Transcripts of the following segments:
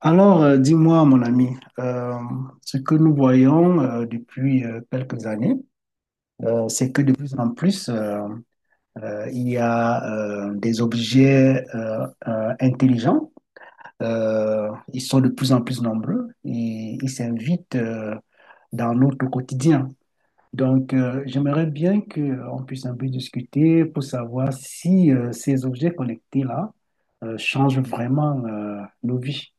Alors, dis-moi, mon ami, ce que nous voyons depuis quelques années, c'est que de plus en plus, il y a des objets intelligents. Ils sont de plus en plus nombreux et ils s'invitent dans notre quotidien. Donc, j'aimerais bien qu'on puisse un peu discuter pour savoir si ces objets connectés-là changent vraiment nos vies.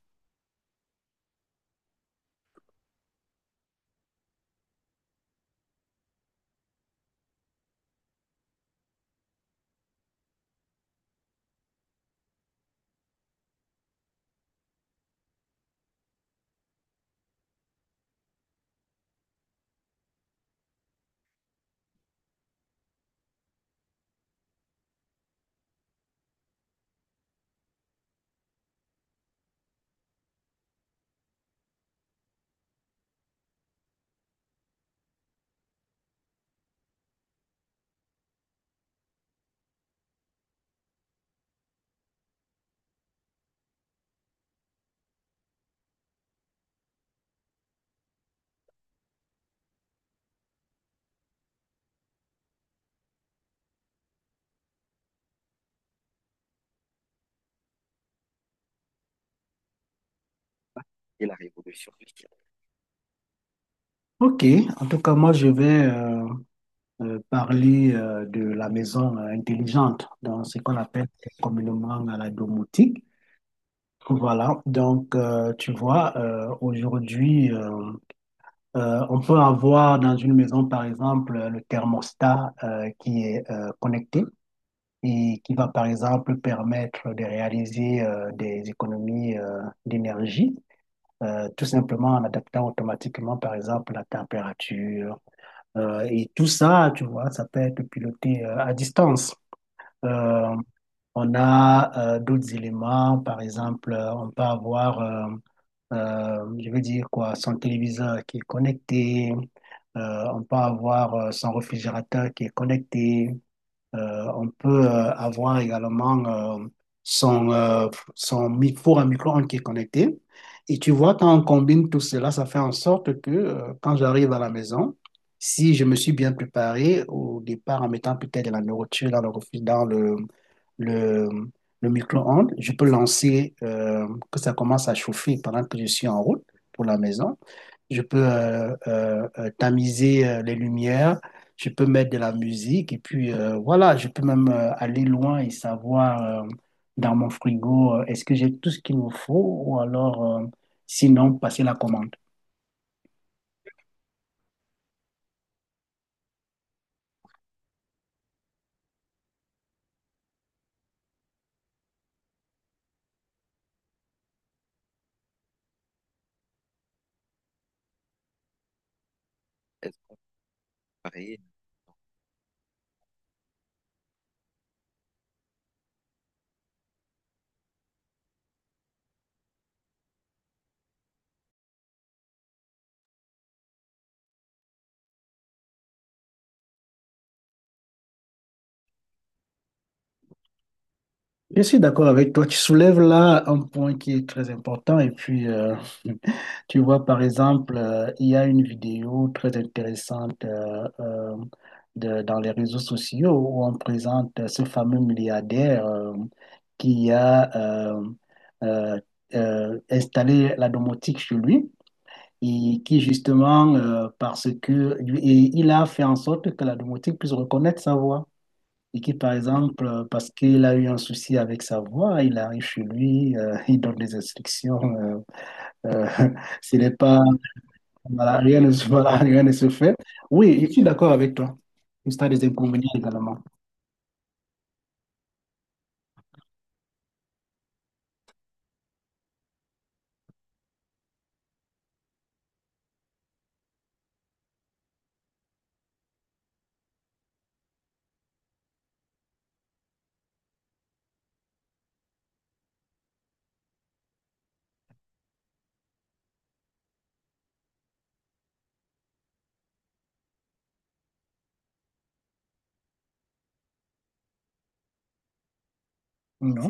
Et la révolution. Ok, en tout cas, moi, je vais parler de la maison intelligente, dans ce qu'on appelle communément la domotique. Voilà, donc tu vois, aujourd'hui, on peut avoir dans une maison, par exemple, le thermostat qui est connecté et qui va, par exemple, permettre de réaliser des économies d'énergie, tout simplement en adaptant automatiquement, par exemple, la température. Et tout ça, tu vois, ça peut être piloté à distance. Euh, on a d'autres éléments, par exemple, on peut avoir, je veux dire quoi, son téléviseur qui est connecté, on peut avoir son réfrigérateur qui est connecté, on peut avoir également son, son four à micro-ondes qui est connecté. Et tu vois, quand on combine tout cela, ça fait en sorte que quand j'arrive à la maison, si je me suis bien préparé au départ en mettant peut-être de la nourriture dans le, dans le, le micro-ondes, je peux lancer que ça commence à chauffer pendant que je suis en route pour la maison. Je peux tamiser les lumières, je peux mettre de la musique et puis voilà, je peux même aller loin et savoir dans mon frigo est-ce que j'ai tout ce qu'il me faut ou alors sinon passer la commande. Je suis d'accord avec toi. Tu soulèves là un point qui est très important. Et puis, tu vois, par exemple, il y a une vidéo très intéressante dans les réseaux sociaux où on présente ce fameux milliardaire qui a euh, installé la domotique chez lui et qui justement, parce que et il a fait en sorte que la domotique puisse reconnaître sa voix. Et qui, par exemple, parce qu'il a eu un souci avec sa voix, il arrive chez lui, il donne des instructions. Euh, s'il n'est pas, voilà, rien ne, voilà, rien ne se fait. Oui, je suis d'accord avec toi. Il y a des inconvénients également. Non?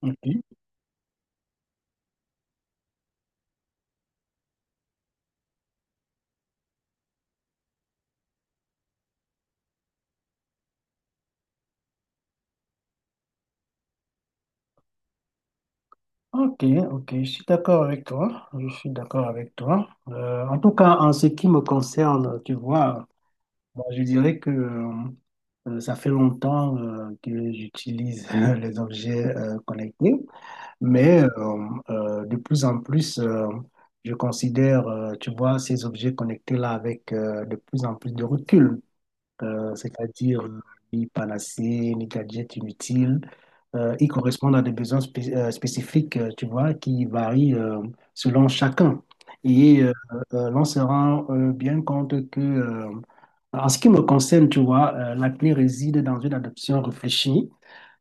Ok. Ok, ok, je suis d'accord avec toi. Je suis d'accord avec toi. En tout cas, en ce qui me concerne, tu vois, moi, je dirais que ça fait longtemps que j'utilise les objets connectés. Mais de plus en plus, je considère, tu vois, ces objets connectés-là avec de plus en plus de recul c'est-à-dire ni panacée, ni gadgets inutiles. Ils correspondent à des besoins spécifiques, tu vois, qui varient selon chacun. Et l'on se rend bien compte que, en ce qui me concerne, tu vois, la clé réside dans une adoption réfléchie.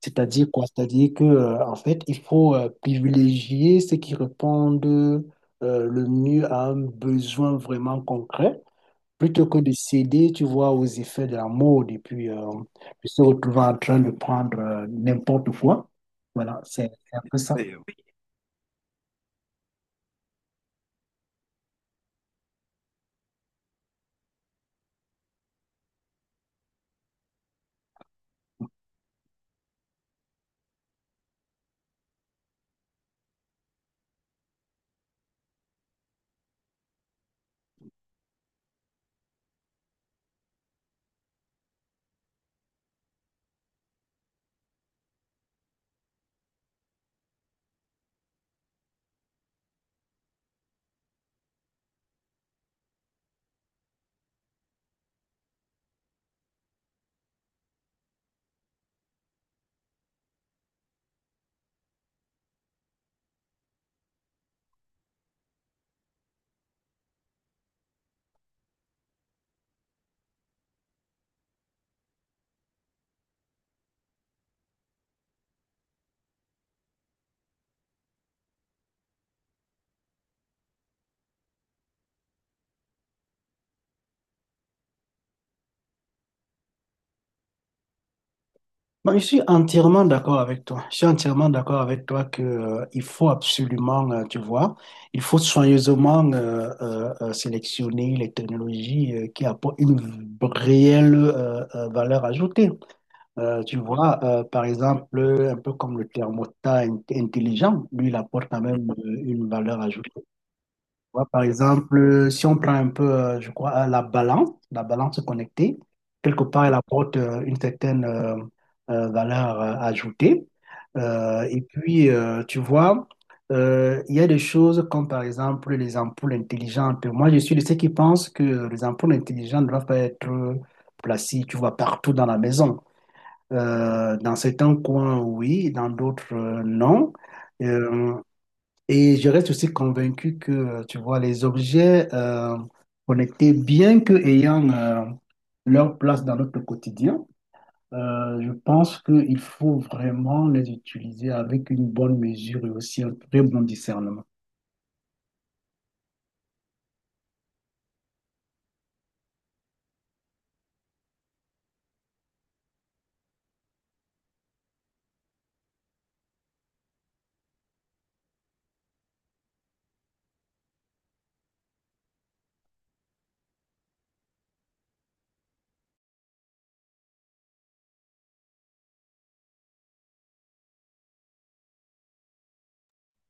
C'est-à-dire quoi? C'est-à-dire que, en fait, il faut privilégier ceux qui répondent le mieux à un besoin vraiment concret. Plutôt que de céder, tu vois, aux effets de la mode et puis de se retrouver en train de prendre n'importe quoi. Voilà, c'est un peu ça. Moi, je suis entièrement d'accord avec toi. Je suis entièrement d'accord avec toi que, il faut absolument, tu vois, il faut soigneusement sélectionner les technologies qui apportent une réelle valeur ajoutée. Tu vois, par exemple, un peu comme le thermostat intelligent, lui, il apporte quand même une valeur ajoutée. Tu vois, par exemple, si on prend un peu, je crois, la balance connectée, quelque part, elle apporte une certaine valeur ajoutée. Et puis, tu vois, il y a des choses comme, par exemple, les ampoules intelligentes. Moi, je suis de ceux qui pensent que les ampoules intelligentes doivent pas être placées, tu vois, partout dans la maison. Dans certains coins, oui, dans d'autres, non. Euh, et je reste aussi convaincu que, tu vois, les objets connectés, bien que ayant leur place dans notre quotidien, je pense qu'il faut vraiment les utiliser avec une bonne mesure et aussi un très bon discernement.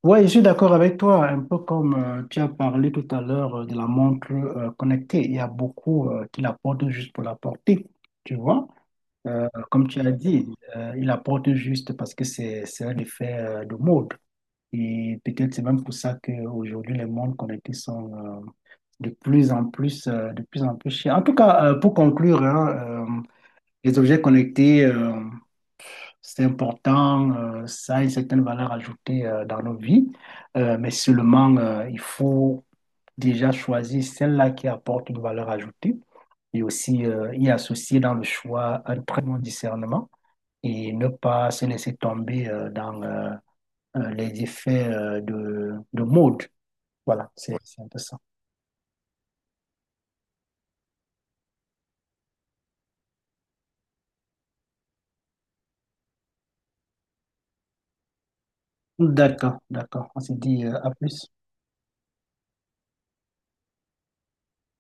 Ouais, je suis d'accord avec toi, un peu comme tu as parlé tout à l'heure de la montre connectée. Il y a beaucoup qui la portent juste pour la porter, tu vois. Comme tu as dit, il la porte juste parce que c'est un effet de mode. Et peut-être c'est même pour ça qu'aujourd'hui, les montres connectées sont de plus en plus, de plus en plus chères. En tout cas, pour conclure, hein, les objets connectés. C'est important, ça a une certaine valeur ajoutée dans nos vies, mais seulement il faut déjà choisir celle-là qui apporte une valeur ajoutée et aussi y associer dans le choix un très bon discernement et ne pas se laisser tomber dans les effets de mode. Voilà, c'est un peu ça. D'accord, d'accord. On s'est dit à plus.